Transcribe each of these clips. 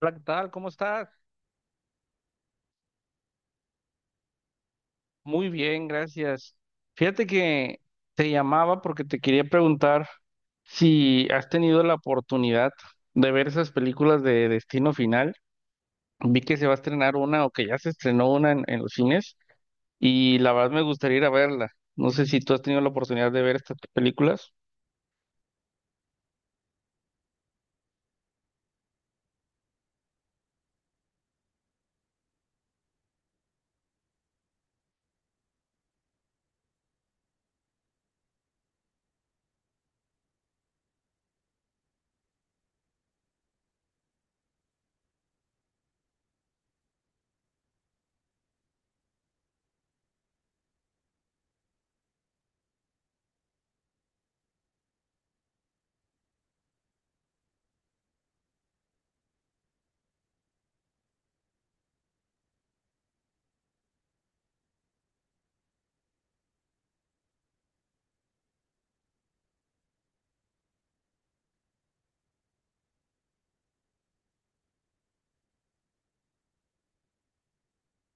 Hola, ¿qué tal? ¿Cómo estás? Muy bien, gracias. Fíjate que te llamaba porque te quería preguntar si has tenido la oportunidad de ver esas películas de Destino Final. Vi que se va a estrenar una o que ya se estrenó una en los cines y la verdad me gustaría ir a verla. No sé si tú has tenido la oportunidad de ver estas películas.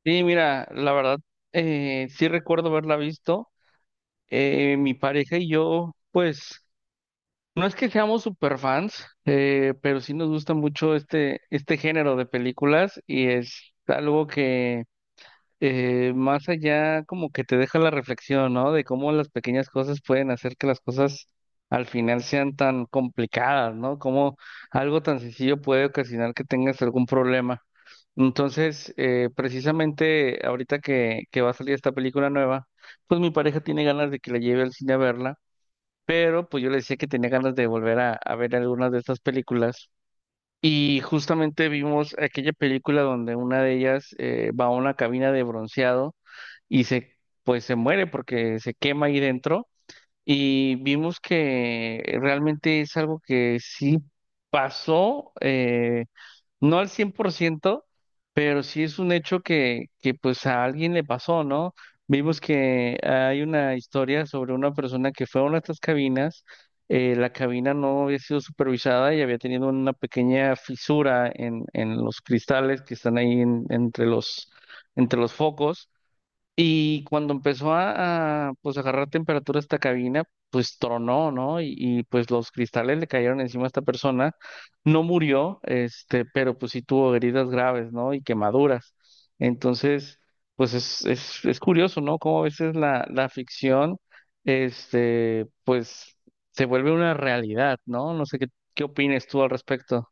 Sí, mira, la verdad, sí recuerdo haberla visto. Mi pareja y yo, pues no es que seamos super fans, pero sí nos gusta mucho este género de películas y es algo que más allá como que te deja la reflexión, ¿no? De cómo las pequeñas cosas pueden hacer que las cosas al final sean tan complicadas, ¿no? Cómo algo tan sencillo puede ocasionar que tengas algún problema. Entonces, precisamente ahorita que va a salir esta película nueva, pues mi pareja tiene ganas de que la lleve al cine a verla, pero pues yo le decía que tenía ganas de volver a ver algunas de estas películas. Y justamente vimos aquella película donde una de ellas va a una cabina de bronceado y pues se muere porque se quema ahí dentro. Y vimos que realmente es algo que sí pasó. No al 100%, pero sí es un hecho que pues a alguien le pasó, ¿no? Vimos que hay una historia sobre una persona que fue a una de estas cabinas. La cabina no había sido supervisada y había tenido una pequeña fisura en los cristales que están ahí entre entre los focos. Y cuando empezó a pues agarrar temperatura esta cabina, pues tronó, ¿no? Y pues los cristales le cayeron encima a esta persona. No murió, este, pero pues sí tuvo heridas graves, ¿no? Y quemaduras. Entonces, pues es curioso, ¿no? Cómo a veces la ficción, este, pues se vuelve una realidad, ¿no? No sé qué opines tú al respecto.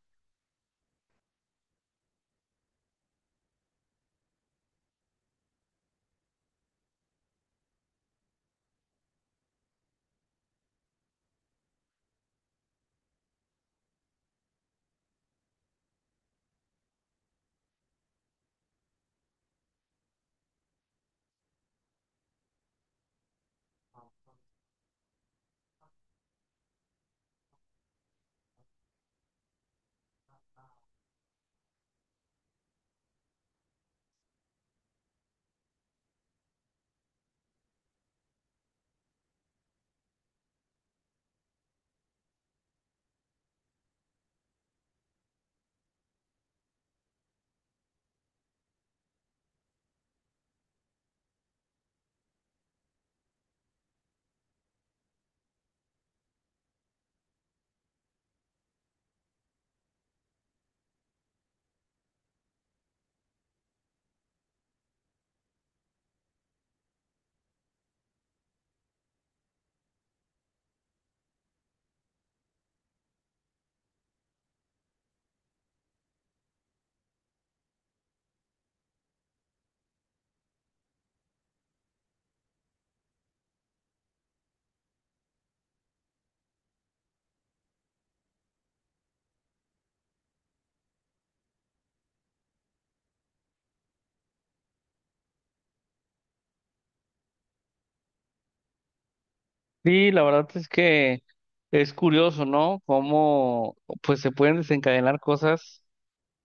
Sí, la verdad es que es curioso, ¿no? Cómo pues se pueden desencadenar cosas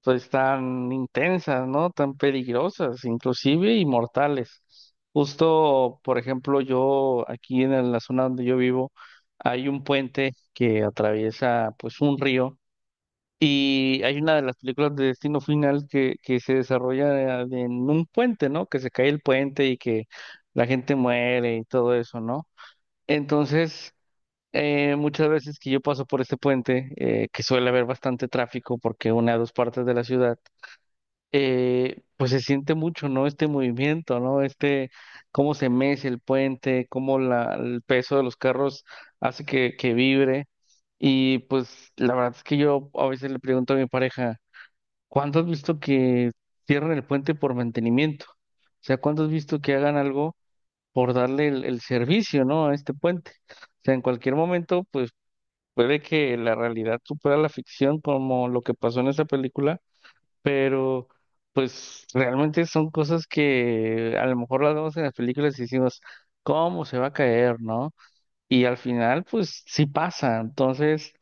pues tan intensas, ¿no? Tan peligrosas, inclusive y mortales. Justo, por ejemplo, yo aquí en la zona donde yo vivo, hay un puente que atraviesa pues un río y hay una de las películas de Destino Final que se desarrolla en un puente, ¿no? Que se cae el puente y que la gente muere y todo eso, ¿no? Entonces muchas veces que yo paso por este puente, que suele haber bastante tráfico porque une a dos partes de la ciudad, pues se siente mucho, ¿no? Este movimiento, ¿no? Este, cómo se mece el puente, cómo el peso de los carros hace que vibre. Y pues la verdad es que yo a veces le pregunto a mi pareja, ¿cuándo has visto que cierran el puente por mantenimiento? O sea, ¿cuándo has visto que hagan algo por darle el servicio, ¿no?, a este puente? O sea, en cualquier momento, pues puede que la realidad supera la ficción, como lo que pasó en esa película. Pero pues realmente son cosas que a lo mejor las vemos en las películas y decimos, ¿cómo se va a caer, no? Y al final, pues sí pasa. Entonces,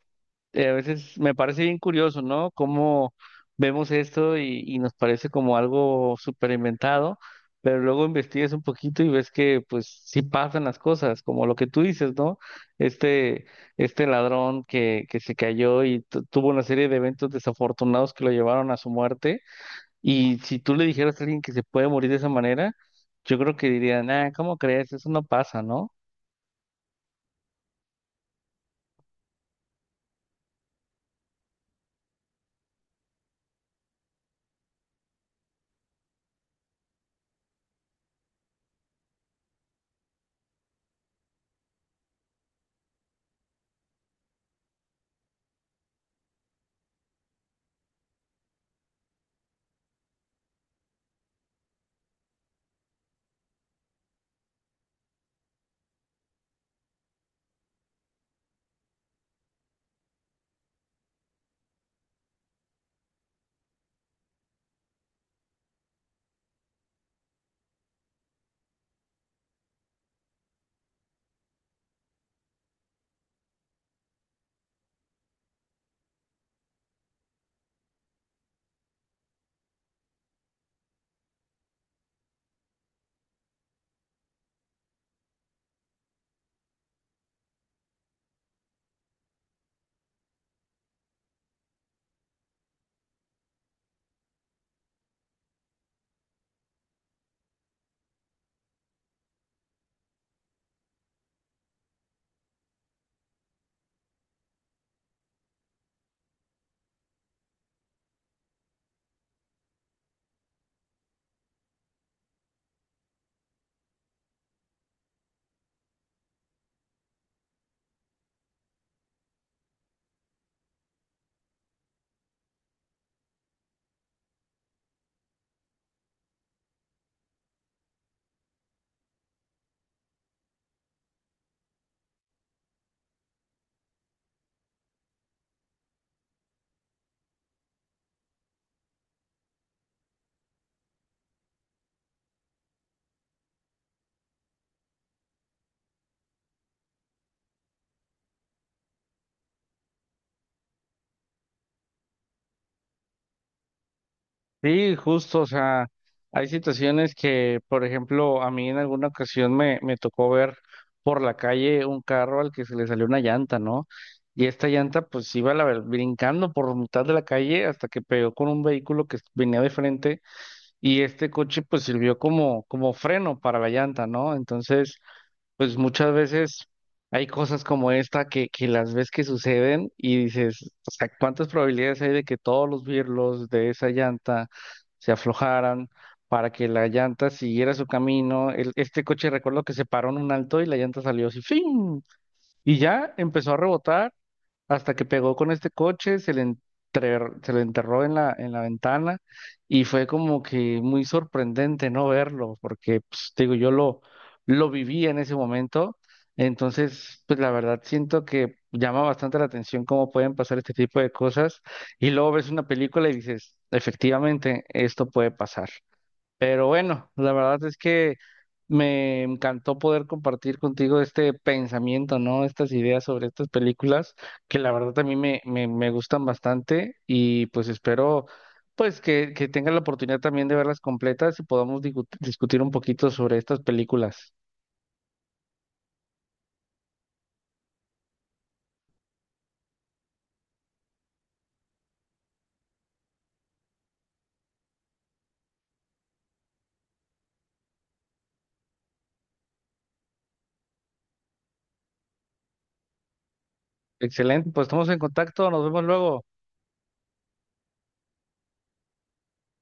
a veces me parece bien curioso, ¿no? Cómo vemos esto y nos parece como algo súper inventado, pero luego investigas un poquito y ves que pues sí pasan las cosas, como lo que tú dices, ¿no? Este, este ladrón que se cayó y tuvo una serie de eventos desafortunados que lo llevaron a su muerte. Y si tú le dijeras a alguien que se puede morir de esa manera, yo creo que diría, nah, ¿cómo crees? Eso no pasa, ¿no? Sí, justo, o sea, hay situaciones que, por ejemplo, a mí en alguna ocasión me tocó ver por la calle un carro al que se le salió una llanta, ¿no? Y esta llanta pues iba a la brincando por mitad de la calle hasta que pegó con un vehículo que venía de frente y este coche pues sirvió como, como freno para la llanta, ¿no? Entonces pues muchas veces hay cosas como esta que las ves que suceden y dices, o sea, ¿cuántas probabilidades hay de que todos los birlos de esa llanta se aflojaran para que la llanta siguiera su camino? Este coche recuerdo que se paró en un alto y la llanta salió así, ¡fin! Y ya empezó a rebotar hasta que pegó con este coche, se le, se le enterró en en la ventana y fue como que muy sorprendente no verlo, porque, pues, te digo, lo viví en ese momento. Entonces, pues la verdad siento que llama bastante la atención cómo pueden pasar este tipo de cosas y luego ves una película y dices, efectivamente, esto puede pasar. Pero bueno, la verdad es que me encantó poder compartir contigo este pensamiento, ¿no? Estas ideas sobre estas películas, que la verdad también me gustan bastante y pues espero pues que tengas la oportunidad también de verlas completas y podamos discutir un poquito sobre estas películas. Excelente, pues estamos en contacto, nos vemos luego.